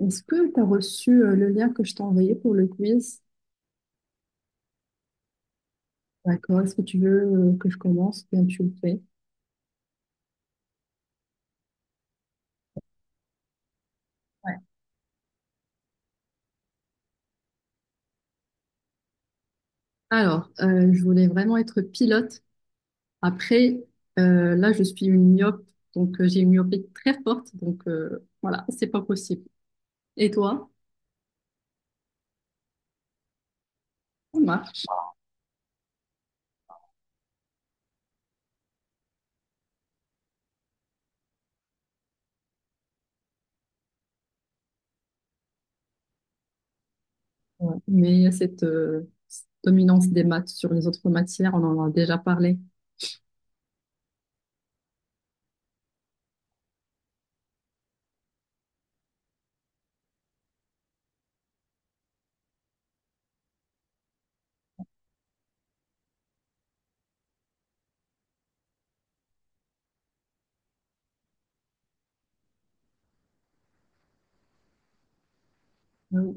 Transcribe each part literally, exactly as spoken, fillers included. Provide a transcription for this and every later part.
Est-ce que tu as reçu euh, le lien que je t'ai envoyé pour le quiz? D'accord. Est-ce que tu veux euh, que je commence? Bien, tu le fais. Ouais. Alors, euh, je voulais vraiment être pilote. Après, euh, là, je suis une myope, donc euh, j'ai une myopie très forte. Donc, euh, voilà, c'est pas possible. Et toi? Ça marche. Ouais. Mais il y a cette euh, dominance des maths sur les autres matières, on en a déjà parlé. Ouais.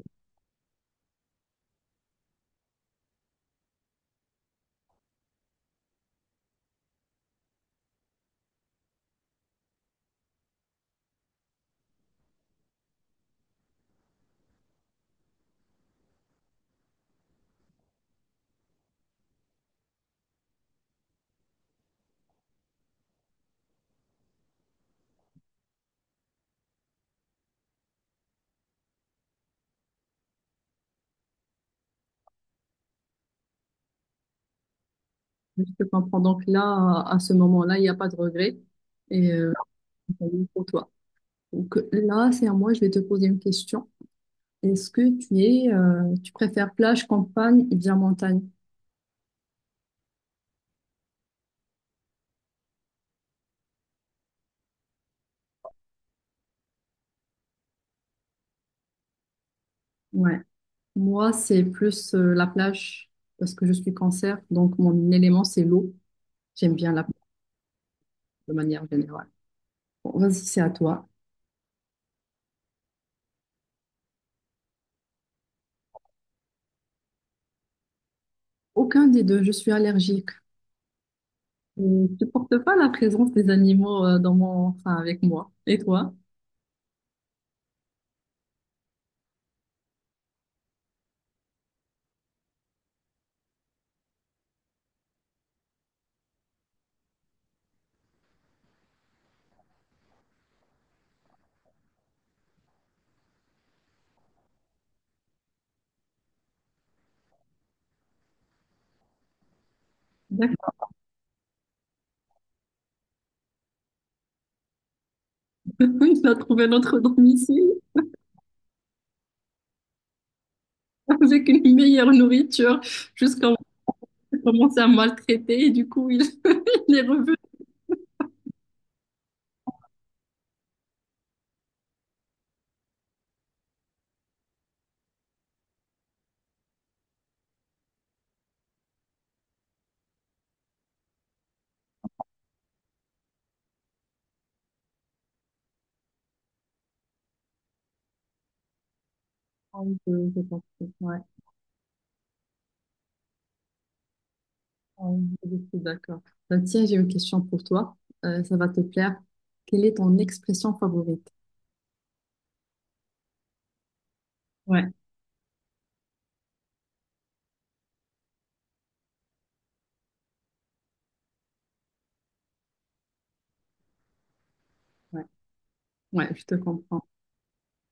Je te comprends. Donc là, à à ce moment-là, il n'y a pas de regret. Et euh, pour toi. Donc là, c'est à moi, je vais te poser une question. Est-ce que tu es, euh, tu préfères plage, campagne ou bien montagne? Ouais. Moi, c'est plus euh, la plage parce que je suis cancer, donc mon élément, c'est l'eau. J'aime bien la plage de manière générale. Bon, vas-y, c'est à toi. Aucun des deux, je suis allergique. Je ne supporte pas la présence des animaux euh, dans mon, enfin, avec moi. Et toi? D'accord. Il a trouvé notre domicile avec une meilleure nourriture jusqu'à commencer à maltraiter et du coup, il... Les revues. Ah oui, je je pense, ouais. Ah oui, je suis d'accord. Bah, tiens, j'ai une question pour toi. Euh, ça va te plaire. Quelle est ton expression favorite? Ouais, ouais. Ouais, je te comprends.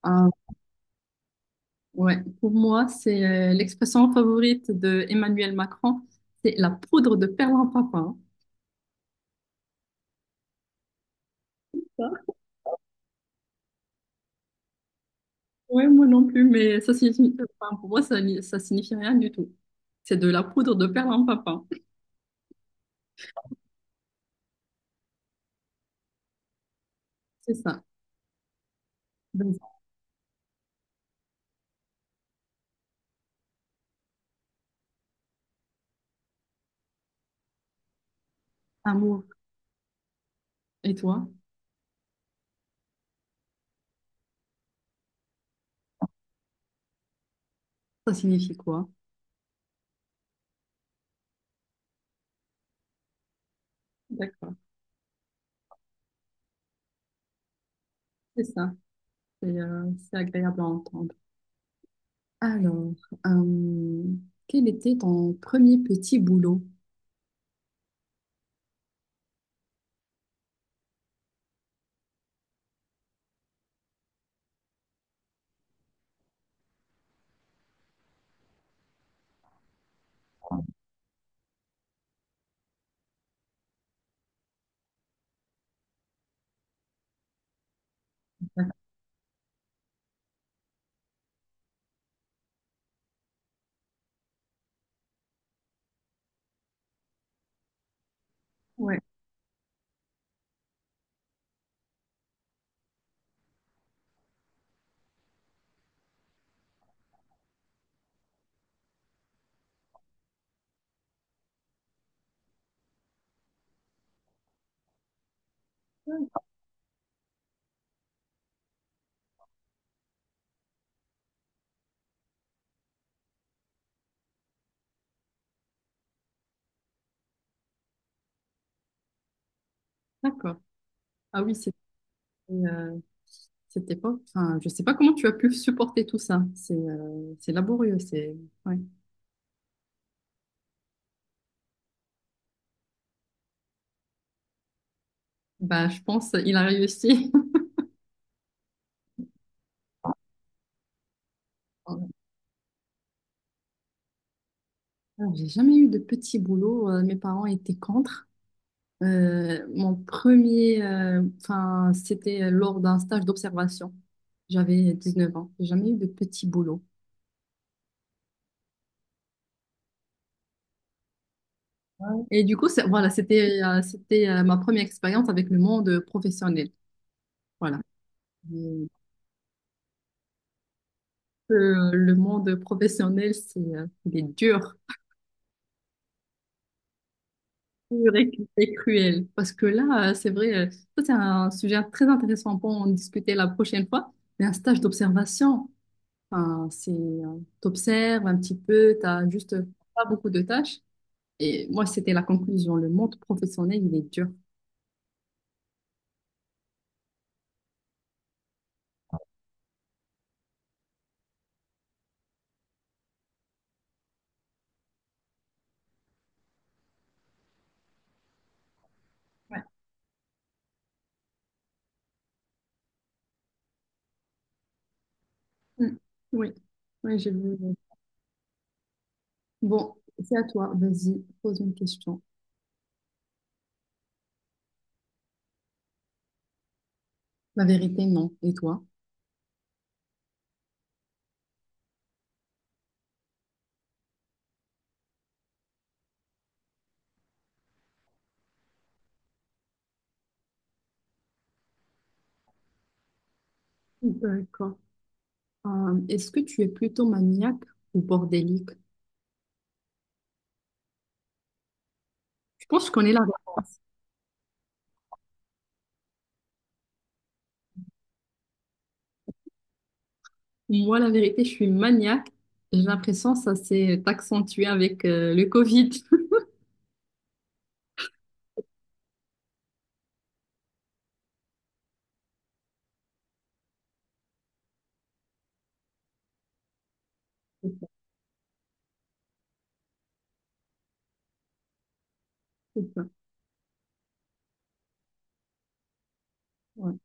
Ah, ouais, pour moi, c'est euh, l'expression favorite de Emmanuel Macron, c'est la poudre de perlimpinpin. Hein. Ça ouais, moi non plus, mais ça signifie, enfin, pour moi, ça, ni- ça signifie rien du tout. C'est de la poudre de perlimpinpin. C'est ça. Vas Amour. Et toi, ça signifie quoi? D'accord. C'est ça. C'est euh, c'est agréable à entendre. Alors, euh, quel était ton premier petit boulot? Ouais, d'accord. Ah oui, c'était euh, c'était pas. Enfin, je sais pas comment tu as pu supporter tout ça. C'est euh, c'est laborieux. C'est ouais. Bah, je pense il a réussi. Alors, j'ai jamais eu de petit boulot. euh, mes parents étaient contre. Euh, mon premier, euh, enfin, c'était lors d'un stage d'observation. J'avais dix-neuf ans. J'ai jamais eu de petit boulot. Et du coup, c'est- voilà, c'était euh, c'était euh, ma première expérience avec le monde professionnel. Voilà. Et, euh, le monde professionnel, c'est euh, il est dur, dur et, et cruel. Parce que là, euh, c'est vrai, euh, ça c'est un sujet très intéressant pour en discuter la prochaine fois. Mais un stage d'observation, enfin, c'est euh, t'observes un petit peu, t'as juste pas beaucoup de tâches. Et moi, c'était la conclusion. Le monde professionnel, il est dur. Ouais. Mm. Oui, oui, j'ai vu. euh, Bon, c'est à toi. Vas-y, pose une question. La vérité, non. Et toi? D'accord. Euh, est-ce que tu es plutôt maniaque ou bordélique? Je pense que je connais la réponse. Moi, la vérité, je suis maniaque. J'ai l'impression que ça s'est accentué avec euh, le Covid. C'est ça, c'est ça, ouais.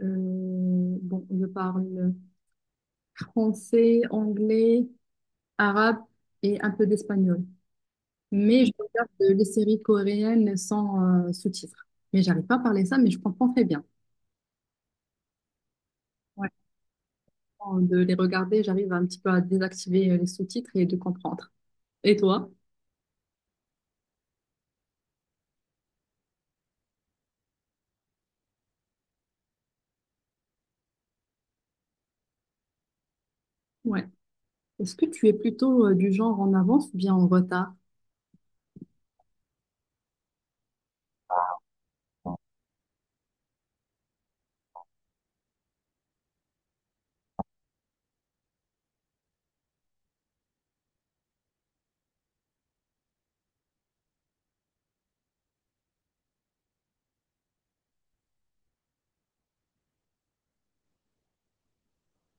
Euh, bon, je parle français, anglais, arabe et un peu d'espagnol. Mais je regarde les séries coréennes sans euh, sous-titres. Mais j'arrive pas à parler ça, mais je comprends très bien. Ouais. Avant de les regarder, j'arrive un petit peu à désactiver euh, les sous-titres et de comprendre. Et toi? Ouais. Est-ce que tu es plutôt euh, du genre en avance ou bien en retard?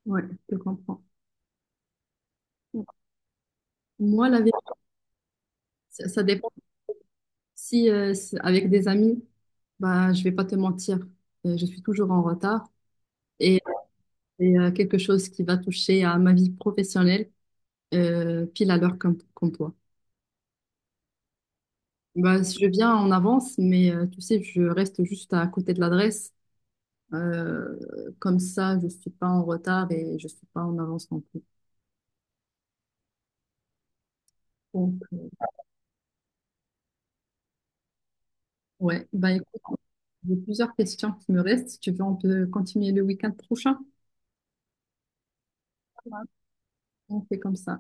Ouais, je te comprends. Ouais. Moi, la vérité, ça ça dépend. Si euh, c'est avec des amis, bah, je vais pas te mentir, euh, je suis toujours en retard. Et c'est euh, quelque chose qui va toucher à ma vie professionnelle, euh, pile à l'heure comme, comme toi. Bah, si je viens en avance, mais euh, tu sais, je reste juste à côté de l'adresse. Euh, comme ça, je suis pas en retard et je suis pas en avance non plus. Donc, euh, ouais, bah écoute, j'ai plusieurs questions qui me restent. Si tu veux, on peut continuer le week-end prochain. On fait comme ça.